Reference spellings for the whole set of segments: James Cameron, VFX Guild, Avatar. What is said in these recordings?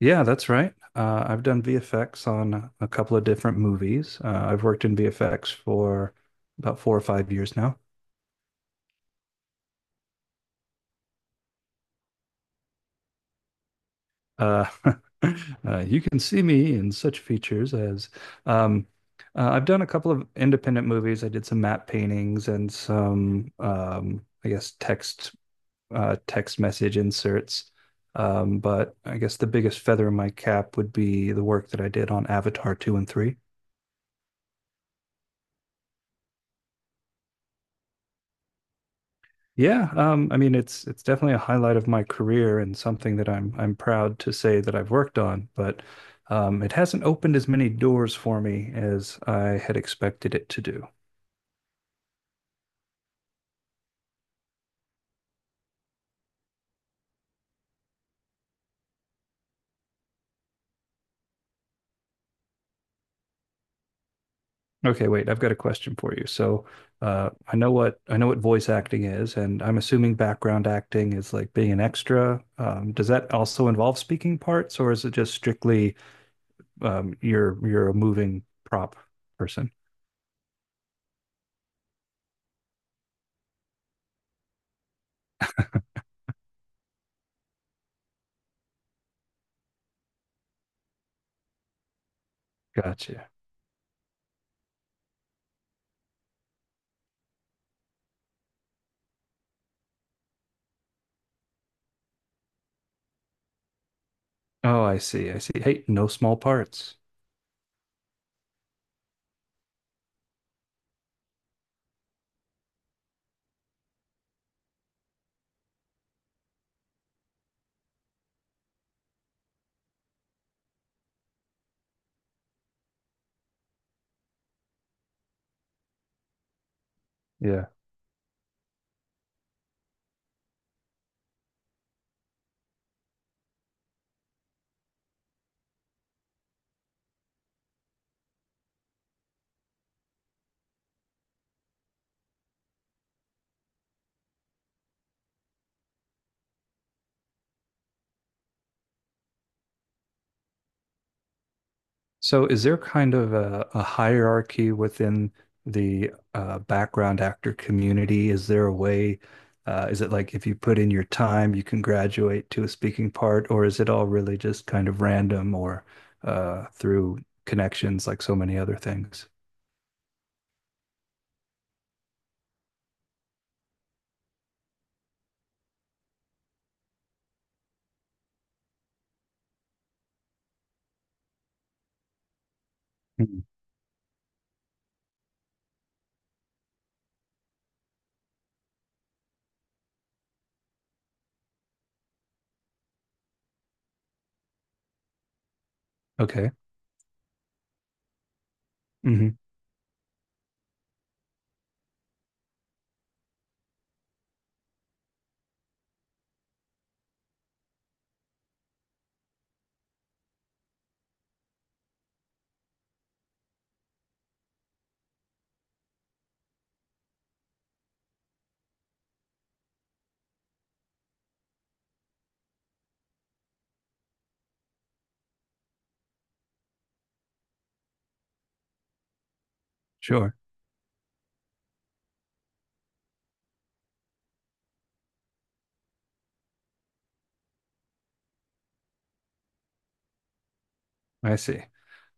Yeah, that's right. I've done VFX on a couple of different movies. I've worked in VFX for about 4 or 5 years now. Uh, you can see me in such features as um, I've done a couple of independent movies. I did some matte paintings and some, I guess, text message inserts. But I guess the biggest feather in my cap would be the work that I did on Avatar 2 and 3. Yeah, I mean it's definitely a highlight of my career and something that I'm proud to say that I've worked on, but it hasn't opened as many doors for me as I had expected it to do. Okay, wait, I've got a question for you. So, I know what voice acting is, and I'm assuming background acting is like being an extra. Does that also involve speaking parts, or is it just strictly you're a moving prop person? Gotcha. Oh, I see, I see. Hey, no small parts. Yeah. So is there kind of a hierarchy within the background actor community? Is there a way, is it like if you put in your time, you can graduate to a speaking part, or is it all really just kind of random or through connections like so many other things? Mm. Okay. Hmm. Sure. I see.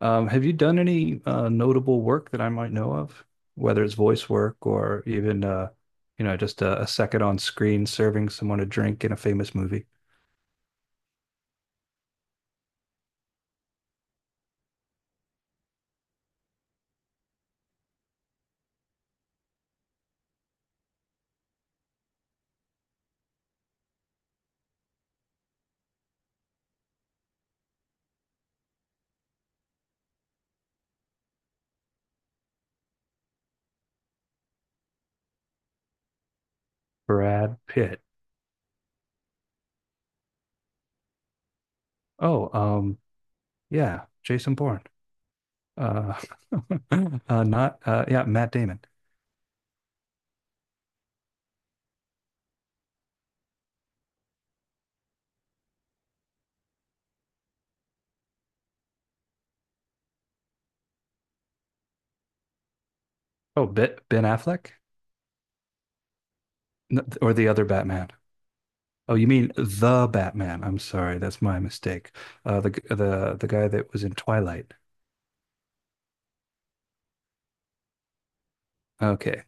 Have you done any notable work that I might know of, whether it's voice work or even you know, just a second on screen serving someone a drink in a famous movie? Brad Pitt. Oh, yeah, Jason Bourne. Uh, not yeah, Matt Damon. Oh, Ben Affleck. N- or the other Batman. Oh, you mean the Batman? I'm sorry, that's my mistake. The guy that was in Twilight. Okay.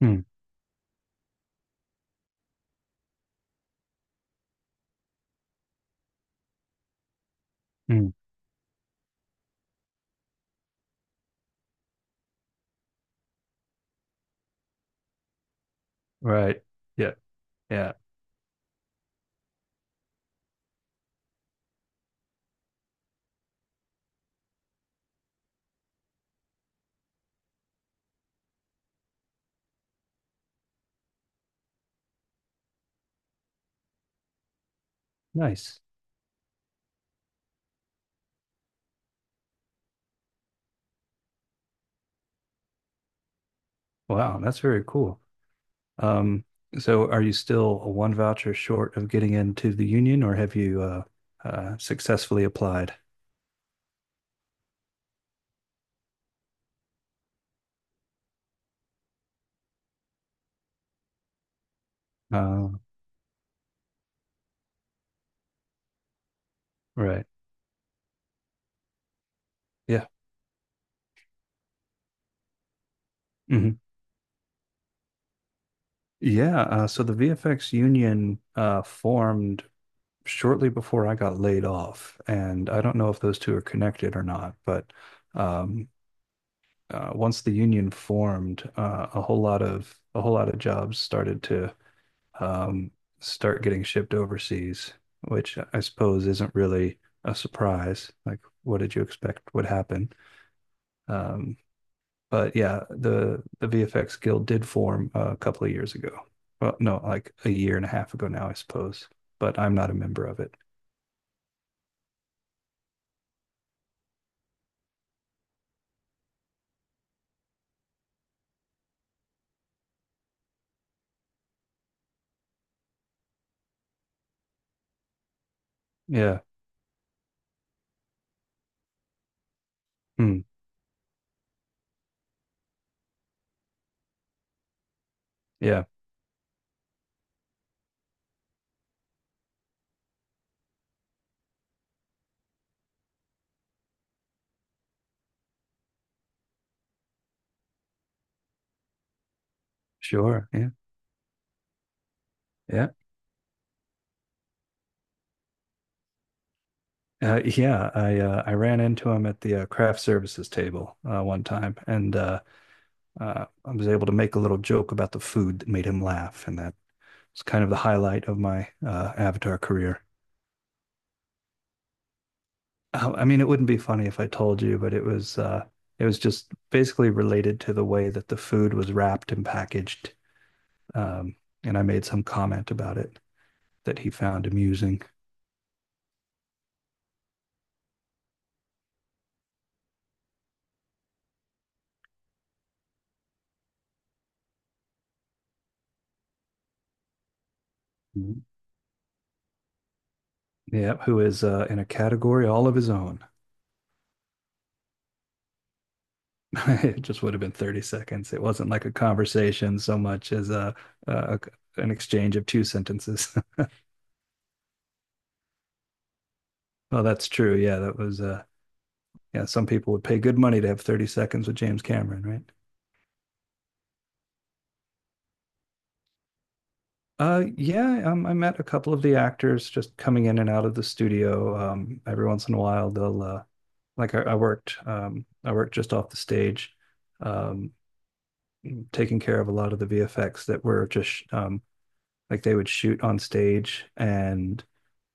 Hmm. Hmm. Right. Yeah. Yeah. Nice. Wow, that's very cool. Um, so are you still a one voucher short of getting into the union, or have you successfully applied? Uh, right. Yeah. Hmm. Yeah. So the VFX union formed shortly before I got laid off, and I don't know if those two are connected or not, but um, once the union formed, a whole lot of jobs started to um, start getting shipped overseas, which I suppose isn't really a surprise. Like, what did you expect would happen? Um, but yeah, the VFX Guild did form a couple of years ago. Well, no, like a year and a half ago now, I suppose. But I'm not a member of it. Yeah. Hmm. Yeah. Sure. Yeah. Yeah. Yeah, I ran into him at the craft services table one time, and I was able to make a little joke about the food that made him laugh, and that it's kind of the highlight of my Avatar career. I mean, it wouldn't be funny if I told you, but it was just basically related to the way that the food was wrapped and packaged. Um, and I made some comment about it that he found amusing. Mhm. Yeah, who is in a category all of his own. It just would have been 30 seconds. It wasn't like a conversation so much as a an exchange of two sentences. Well, that's true. Yeah, that was yeah, some people would pay good money to have 30 seconds with James Cameron, right? Yeah, I met a couple of the actors just coming in and out of the studio. Every once in a while, they'll like I worked, I worked just off the stage, um, taking care of a lot of the VFX that were just like they would shoot on stage, and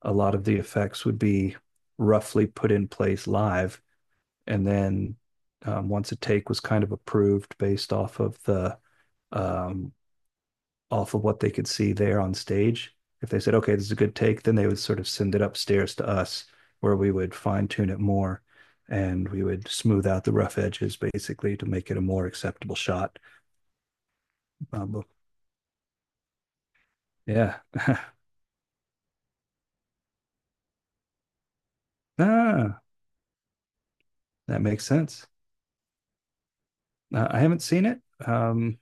a lot of the effects would be roughly put in place live, and then once a take was kind of approved based off of the um, off of what they could see there on stage. If they said, okay, this is a good take, then they would sort of send it upstairs to us where we would fine tune it more and we would smooth out the rough edges basically to make it a more acceptable shot. Um, yeah. Ah, that makes sense. I haven't seen it, um,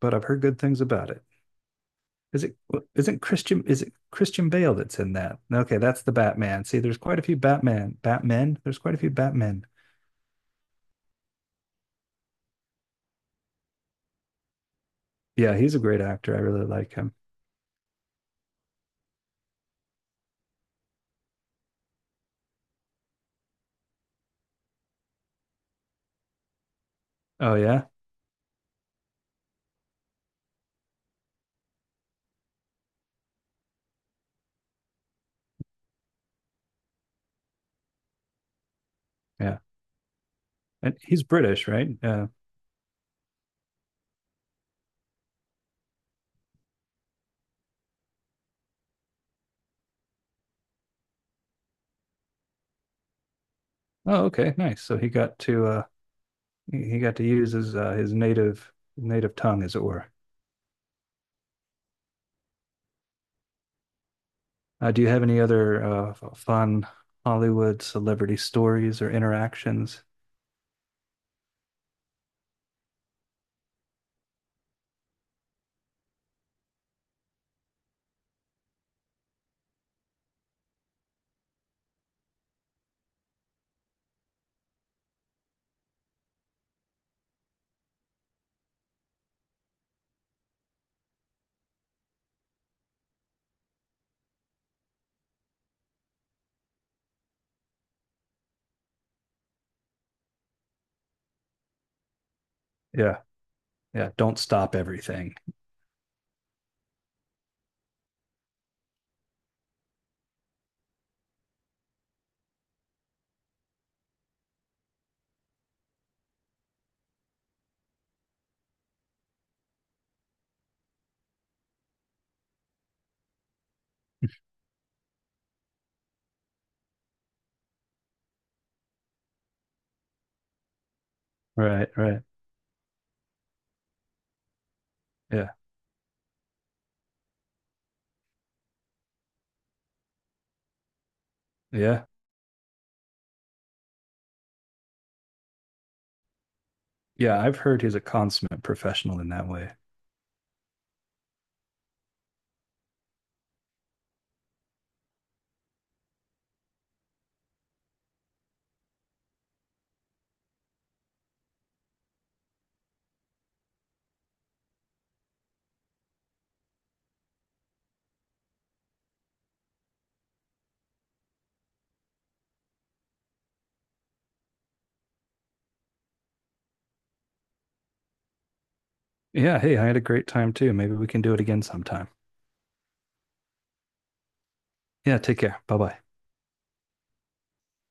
but I've heard good things about it. Is it well, isn't Christian is it Christian Bale that's in that? Okay, that's the Batman. See, there's quite a few Batmen. Yeah, he's a great actor. I really like him. Oh yeah. Yeah, and he's British, right? Oh, okay, nice. So he got to use his native tongue, as it were. Do you have any other fun Hollywood celebrity stories or interactions? Yeah, yeah. Don't stop everything. Right, right. Yeah, yeah, yeah. I've heard he's a consummate professional in that way. Yeah. Hey, I had a great time too. Maybe we can do it again sometime. Yeah. Take care. Bye bye.